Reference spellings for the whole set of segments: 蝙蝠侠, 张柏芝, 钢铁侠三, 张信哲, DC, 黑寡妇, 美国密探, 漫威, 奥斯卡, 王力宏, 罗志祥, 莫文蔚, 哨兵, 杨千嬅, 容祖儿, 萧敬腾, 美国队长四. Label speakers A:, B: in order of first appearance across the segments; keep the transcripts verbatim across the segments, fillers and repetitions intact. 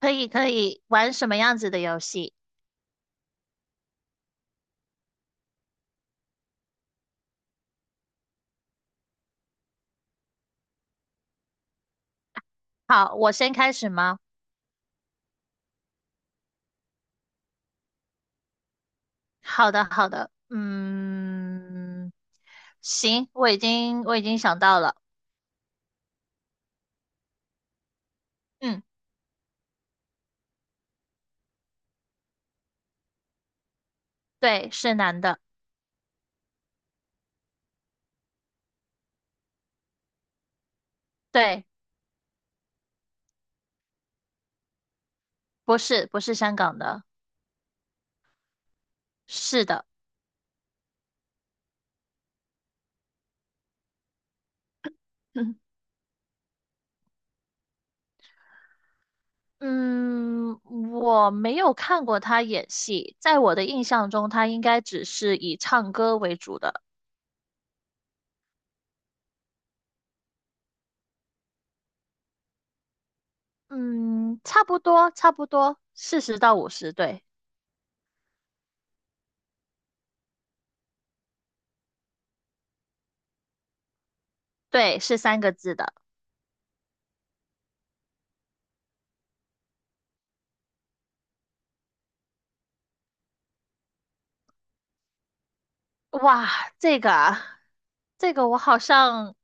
A: 可以可以玩什么样子的游戏？好，我先开始吗？好的好的，嗯，行，我已经我已经想到了。嗯，对，是男的。对，不是不是香港的。是的。嗯，我没有看过他演戏，在我的印象中，他应该只是以唱歌为主的。嗯，差不多差不多，四十到五十，对。对，是三个字的。哇，这个啊，这个我好像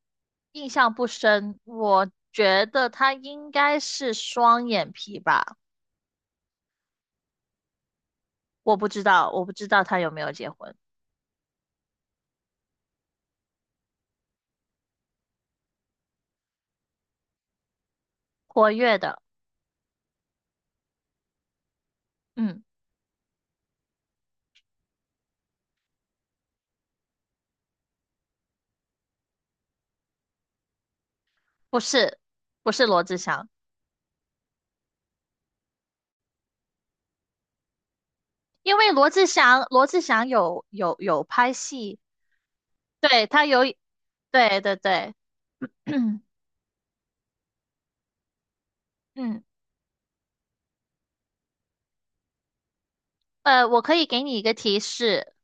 A: 印象不深，我觉得他应该是双眼皮吧。我不知道，我不知道他有没有结婚。活跃的。嗯，不是，不是罗志祥。因为罗志祥，罗志祥有有有拍戏。对，他有。对对对。嗯，呃，我可以给你一个提示，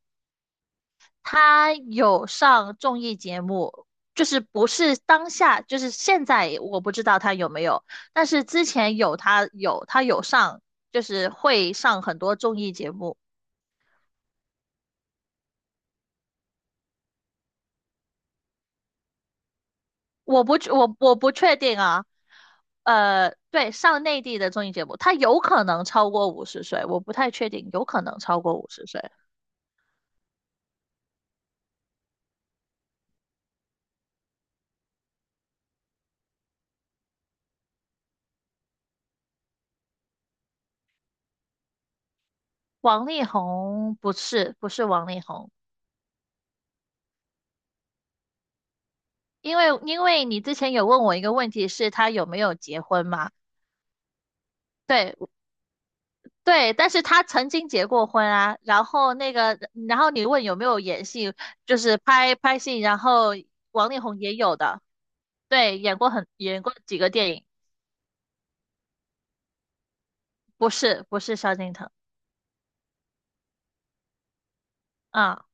A: 他有上综艺节目，就是不是当下，就是现在我不知道他有没有，但是之前有他有他有上，就是会上很多综艺节目。我不我我不确定啊，呃，对，上内地的综艺节目，他有可能超过五十岁，我不太确定，有可能超过五十岁。王力宏不是不是王力宏。因为因为你之前有问我一个问题，是他有没有结婚嘛？对。对，但是他曾经结过婚啊，然后那个，然后你问有没有演戏，就是拍拍戏，然后王力宏也有的。对，演过很演过几个电影。不是不是萧敬腾。啊，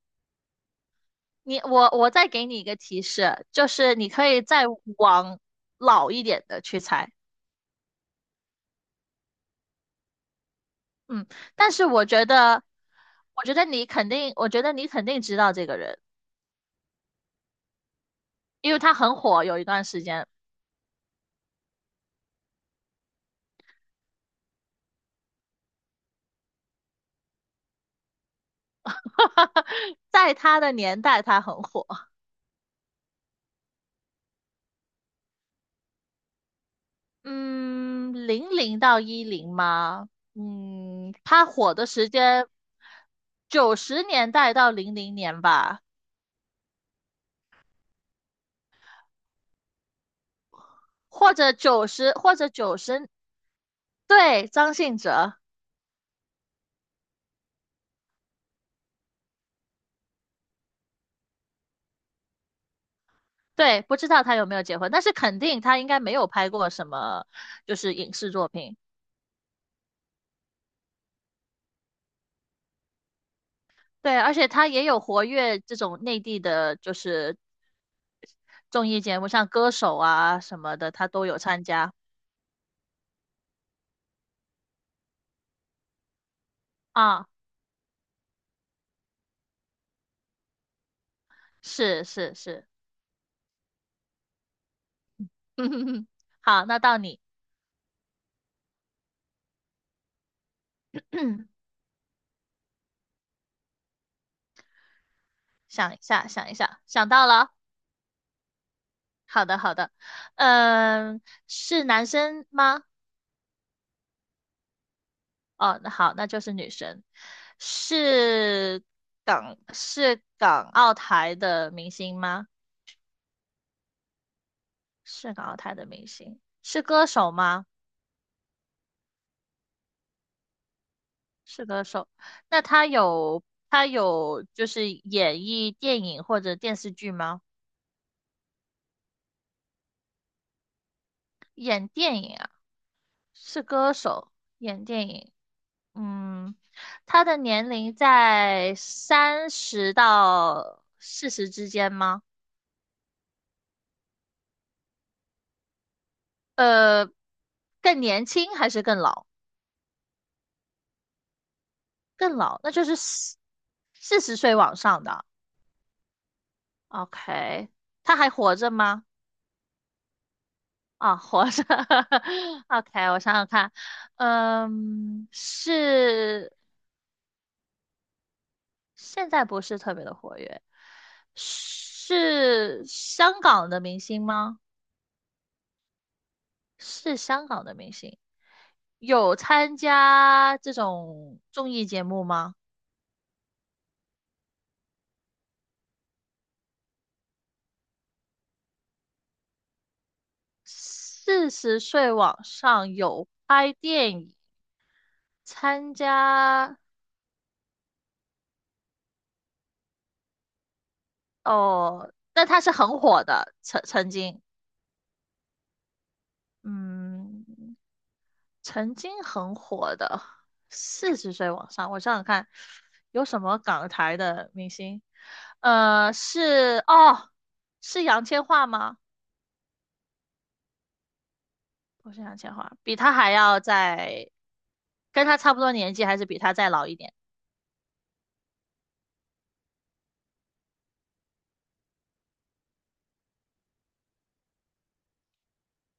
A: 你我我再给你一个提示，就是你可以再往老一点的去猜。嗯，但是我觉得，我觉得你肯定，我觉得你肯定知道这个人，因为他很火，有一段时间。在他的年代他很火。嗯，零零到一零吗？嗯，他火的时间九十年代到零零年吧，或者九十或者九十，对，张信哲。对，不知道他有没有结婚，但是肯定他应该没有拍过什么就是影视作品。对，而且他也有活跃这种内地的，就是综艺节目，像歌手啊什么的，他都有参加。啊，是是是。好，那到你。想一下，想一下，想到了。好的，好的。嗯，是男生吗？哦，那好，那就是女生。是港是港澳台的明星吗？是港澳台的明星。是歌手吗？是歌手。那他有他有就是演绎电影或者电视剧吗？演电影啊？是歌手，演电影。嗯，他的年龄在三十到四十之间吗？呃，更年轻还是更老？更老，那就是四四十岁往上的。OK，他还活着吗？啊，活着。OK，我想想看。嗯，是现在不是特别的活跃。是香港的明星吗？是香港的明星。有参加这种综艺节目吗？四十岁往上有拍电影，参加。哦，但他是很火的，曾曾经，嗯，曾经很火的，四十岁往上，我想想看，有什么港台的明星？呃，是哦，是杨千嬅吗？不是杨千嬅，比他还要再跟他差不多年纪，还是比他再老一点？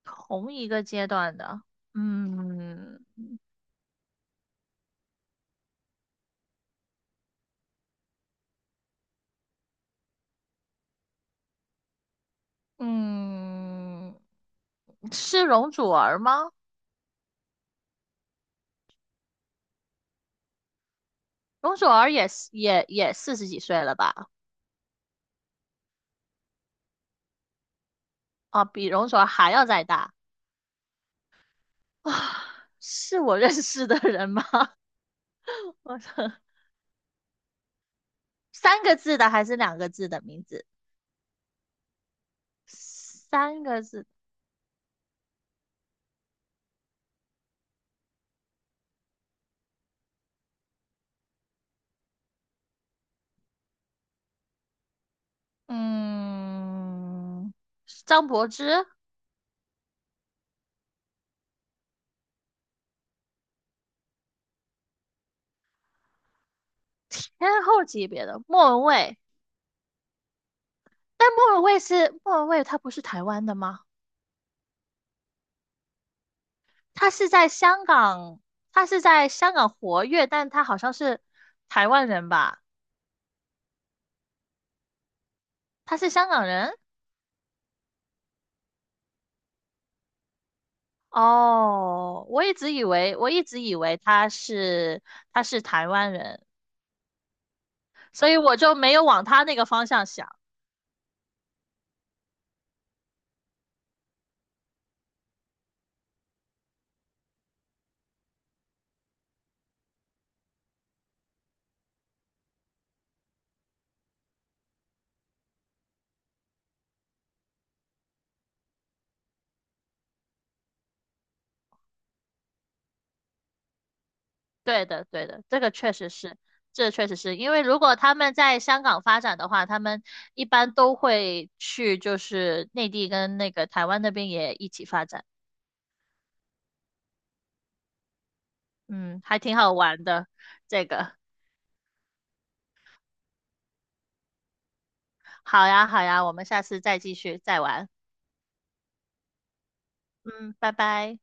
A: 同一个阶段的。嗯嗯，是容祖儿吗？容祖儿也是也也四十几岁了吧？啊，比容祖儿还要再大啊？是我认识的人吗？我操，三个字的还是两个字的名字？三个字。嗯，张柏芝，天后级别的，莫文蔚。但莫文蔚是莫文蔚，他不是台湾的吗？他是在香港，他是在香港活跃，但他好像是台湾人吧？他是香港人？哦，我一直以为，我一直以为他是他是台湾人，所以我就没有往他那个方向想。对的，对的，这个确实是，这确实是因为如果他们在香港发展的话，他们一般都会去就是内地跟那个台湾那边也一起发展。嗯，还挺好玩的，这个。好呀，好呀，我们下次再继续再玩。嗯，拜拜。